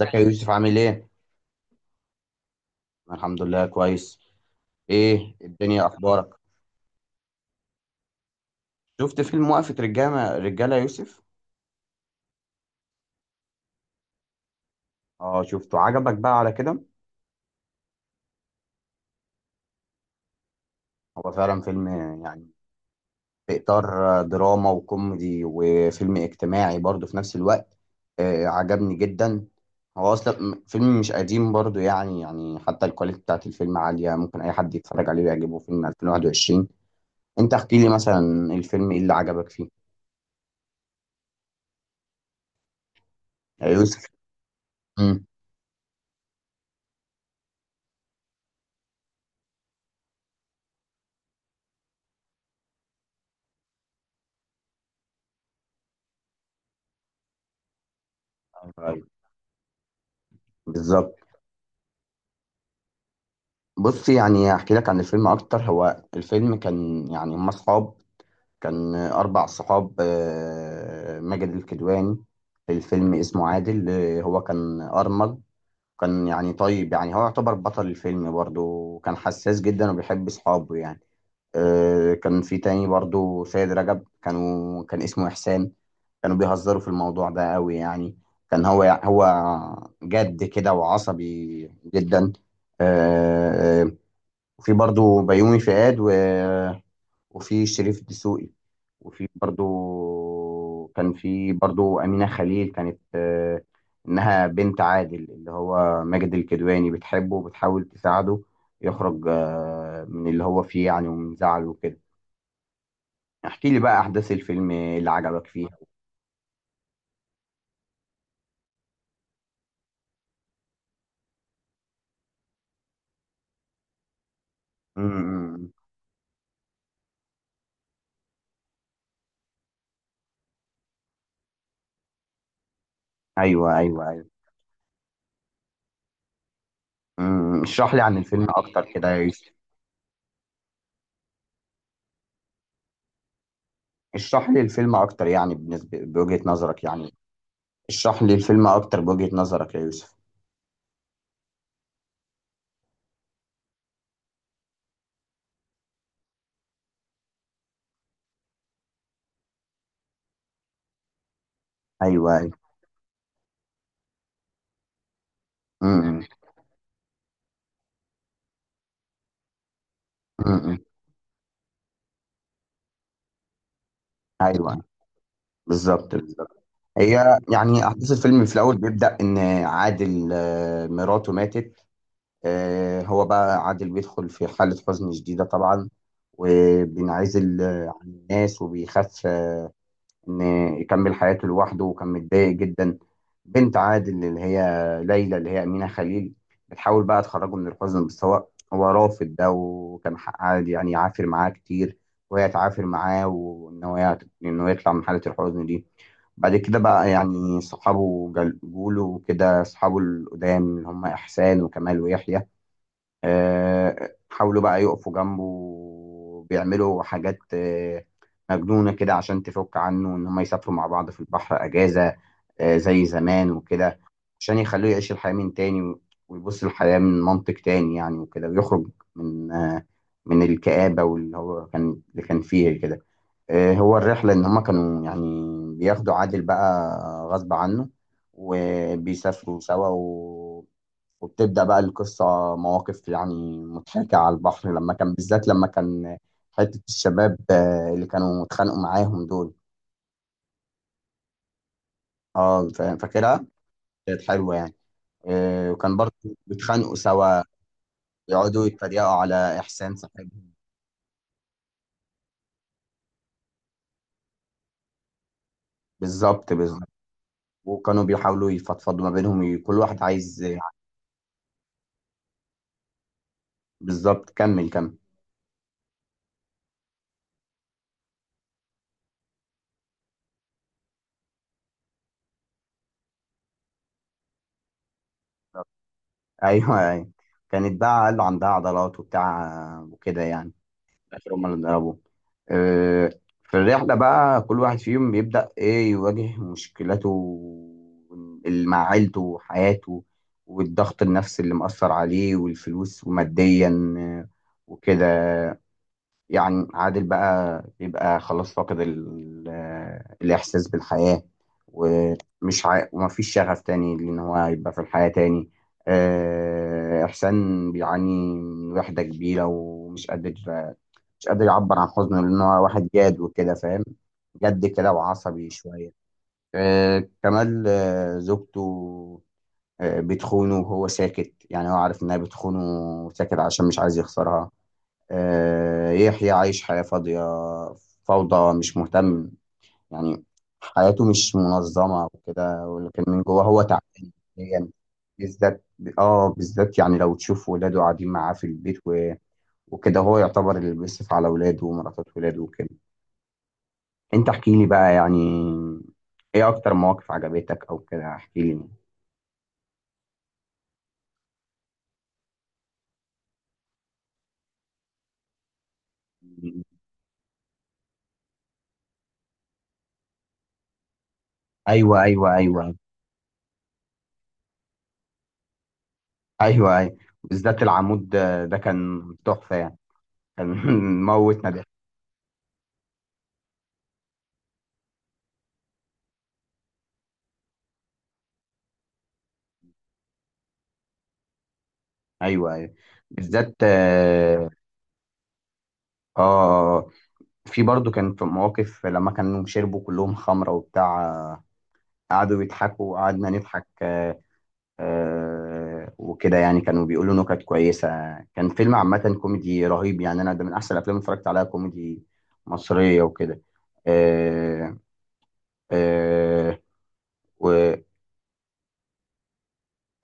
ازيك يا يوسف عامل ايه؟ أنا الحمد لله كويس. ايه الدنيا اخبارك؟ شفت فيلم وقفة رجالة رجالة يا يوسف؟ اه شفته عجبك بقى على كده؟ هو فعلا فيلم. يعني في اطار دراما وكوميدي وفيلم اجتماعي برضه في نفس الوقت. آه عجبني جدا. هو اصلا فيلم مش قديم برضه، يعني حتى الكواليتي بتاعت الفيلم عالية، ممكن اي حد يتفرج عليه ويعجبه. فيلم 2021. انت احكي لي مثلا الفيلم ايه اللي عجبك فيه يا يوسف؟ امم أيوة، أيوة، بالظبط. بص، احكي لك عن الفيلم اكتر. هو الفيلم كان، يعني، هم اصحاب. كان اربع صحاب، آه، ماجد الكدواني في الفيلم اسمه عادل، آه، هو كان ارمل. كان، يعني، طيب، يعني هو يعتبر بطل الفيلم برضه، وكان حساس جدا وبيحب اصحابه يعني. آه، كان في تاني برضه سيد رجب، كانوا كان اسمه احسان. كانوا بيهزروا في الموضوع ده قوي يعني. كان هو جد كده وعصبي جدا. آه، آه، وفي برضو بيومي فؤاد و... وفي شريف الدسوقي. وفي برضو، كان في برضو أمينة خليل، كانت آه، إنها بنت عادل اللي هو ماجد الكدواني، بتحبه وبتحاول تساعده يخرج، آه، من اللي هو فيه يعني، ومن زعله وكده. احكي لي بقى أحداث الفيلم اللي عجبك فيه. امم ايوه ايوه ايوه. اشرح لي عن الفيلم اكتر كده يا يوسف. اشرح لي الفيلم اكتر، يعني بالنسبه بوجهه نظرك يعني. اشرح لي الفيلم اكتر بوجهه نظرك يا يوسف. ايوه ايوه. امم. إمم، إمم. ايوه، بالظبط بالظبط. هي، يعني، احداث الفيلم في الاول بيبدا ان عادل، آه، مراته ماتت. آه، هو بقى عادل بيدخل في حاله حزن شديده طبعا، وبينعزل، آه، عن الناس، وبيخاف ان يكمل حياته لوحده، وكان متضايق جدا. بنت عادل اللي هي ليلى، اللي هي أمينة خليل، بتحاول بقى تخرجه من الحزن، بس هو رافض ده. وكان حق عادل يعني يعافر معاه كتير، وهي تعافر معاه، وإن هو إنه يطلع من حالة الحزن دي. بعد كده بقى يعني صحابه جوله وكده. صحابه القدام اللي هم إحسان وكمال ويحيى، آه، حاولوا بقى يقفوا جنبه، بيعملوا حاجات، آه، مجنونة كده عشان تفك عنه. إن هم يسافروا مع بعض في البحر أجازة، آه، زي زمان وكده، عشان يخلوه يعيش الحياة من تاني، ويبص الحياة من منطق تاني يعني، وكده، ويخرج من، آه، من الكآبة واللي هو كان اللي كان فيه كده. آه، هو الرحلة إن هما كانوا، يعني، بياخدوا عادل بقى غصب عنه، وبيسافروا سوا و... وبتبدأ بقى القصة. مواقف يعني مضحكة على البحر، لما كان بالذات لما كان حتة الشباب، آه، اللي كانوا اتخانقوا معاهم دول، اه فاكرها. كانت حلوة يعني. آه، وكان برضه بيتخانقوا سوا، يقعدوا يتريقوا على إحسان صاحبهم. بالظبط بالظبط. وكانوا بيحاولوا يفضفضوا ما بينهم، كل واحد عايز. بالظبط، كمل كمل. ايوه ايوه. كانت بقى قالوا عندها عضلات وبتاع، آه، وكده يعني. في الاخر هم اللي ضربوه. آه، في الرحله بقى كل واحد فيهم يبدا ايه يواجه مشكلاته اللي مع عيلته وحياته، والضغط النفسي اللي مأثر عليه، والفلوس وماديا، آه، وكده يعني. عادل بقى بيبقى خلاص فاقد الإحساس بالحياة، ومفيش شغف تاني لأن هو يبقى في الحياة تاني. آه، إحسان بيعاني من وحدة كبيرة، ومش قادر مش قادر يعبر عن حزنه، لأن هو واحد جاد وكده، فاهم، جد كده وعصبي شوية. آه، كمال، آه، زوجته، آه، بتخونه وهو ساكت، يعني هو عارف إنها بتخونه وساكت عشان مش عايز يخسرها. آه، يحيى عايش حياة فاضية، فوضى، مش مهتم يعني، حياته مش منظمة وكده، ولكن من جواه هو تعبان نفسياً. بالذات اه بالذات، يعني لو تشوف ولاده قاعدين معاه في البيت و... وكده، هو يعتبر اللي بيصرف على ولاده ومراتات ولاده وكده. انت احكي لي بقى، يعني، ايه اكتر مواقف عجبتك او كده، احكي لي. ايوه ايوه ايوه. ايوه ايوه. بالذات العمود ده ده كان تحفة يعني. كان موت ندى. ايوه ايوه. بالذات اه. آه، آه. في برضو كان في مواقف لما كانوا شربوا كلهم خمره وبتاع، آه، قعدوا يضحكوا وقعدنا نضحك. آه آه وكده يعني، كانوا بيقولوا نكت كويسه. كان فيلم عامه كوميدي رهيب يعني، انا ده من احسن الافلام اللي اتفرجت عليها كوميدي مصريه وكده. آه آه.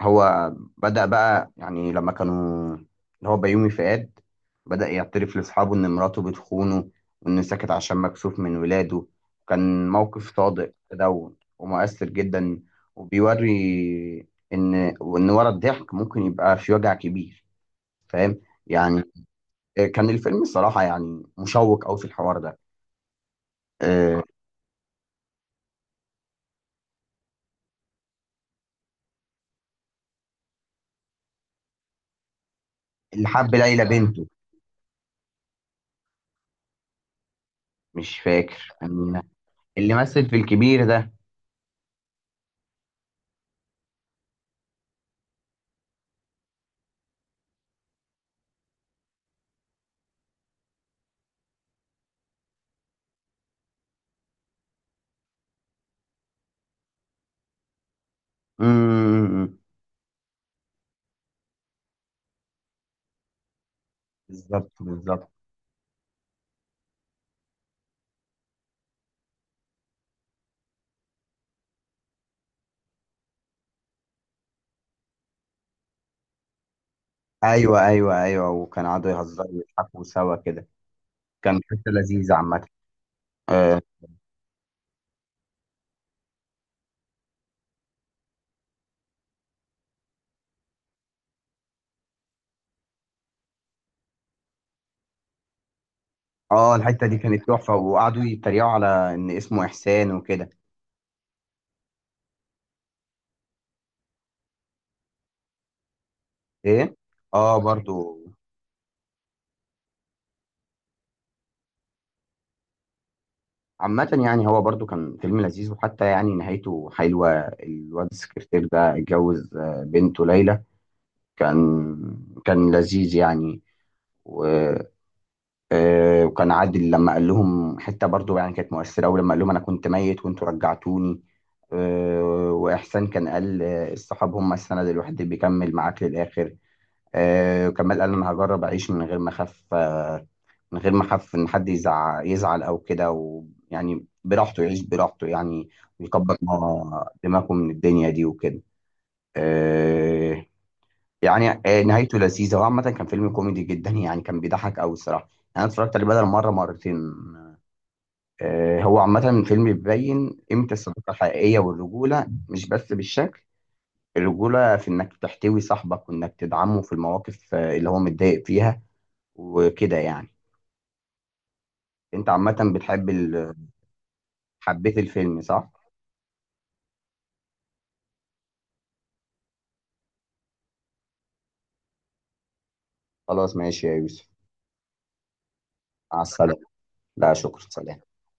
هو بدأ بقى، يعني لما كانوا اللي هو بيومي فؤاد بدأ يعترف لأصحابه إن مراته بتخونه، وإنه سكت عشان مكسوف من ولاده. كان موقف صادق كده ومؤثر جدا، وبيوري إن ورا الضحك ممكن يبقى في وجع كبير. فاهم يعني. كان الفيلم الصراحة يعني مشوق أوي في الحوار ده. أه، اللي حب ليلى بنته، مش فاكر يعني، اللي مثل في الكبير ده. مم، بالظبط بالظبط. ايوه ايوه ايوه، وكان قعدوا يهزروا ويضحكوا سوا كده. كان حته لذيذه عامه. اه. آه، الحته دي كانت تحفه، وقعدوا يتريقوا على ان اسمه احسان وكده. ايه. اه برضو. عامة يعني هو برضو كان فيلم لذيذ، وحتى يعني نهايته حلوة. الواد السكرتير ده اتجوز، آه، بنته ليلى. كان كان لذيذ يعني. آه، وكان عادل لما قال لهم حته برضو يعني كانت مؤثره قوي، لما قال لهم انا كنت ميت وانتوا رجعتوني. آه، واحسان كان قال، آه، الصحاب هم السند الوحيد اللي بيكمل معاك للاخر. آه، وكمال قال انا هجرب اعيش من غير ما اخاف، آه، من غير ما اخاف ان حد يزعل او كده، ويعني براحته، يعيش براحته يعني، ويكبر ما دماغه من الدنيا دي وكده. آه، يعني، آه، نهايته لذيذة، وعامة كان فيلم كوميدي جدا، يعني كان بيضحك أوي الصراحة. أنا اتفرجت عليه بدل مرة مرتين. آه، هو عامة فيلم بيبين قيمة الصداقة الحقيقية والرجولة، مش بس بالشكل. الرجولة في إنك تحتوي صاحبك، وإنك تدعمه في المواقف، آه، اللي هو متضايق فيها وكده يعني. أنت عامة بتحب ال... حبيت الفيلم صح؟ خلاص ماشي يا يوسف، مع السلامة. لا شكرا، سلام.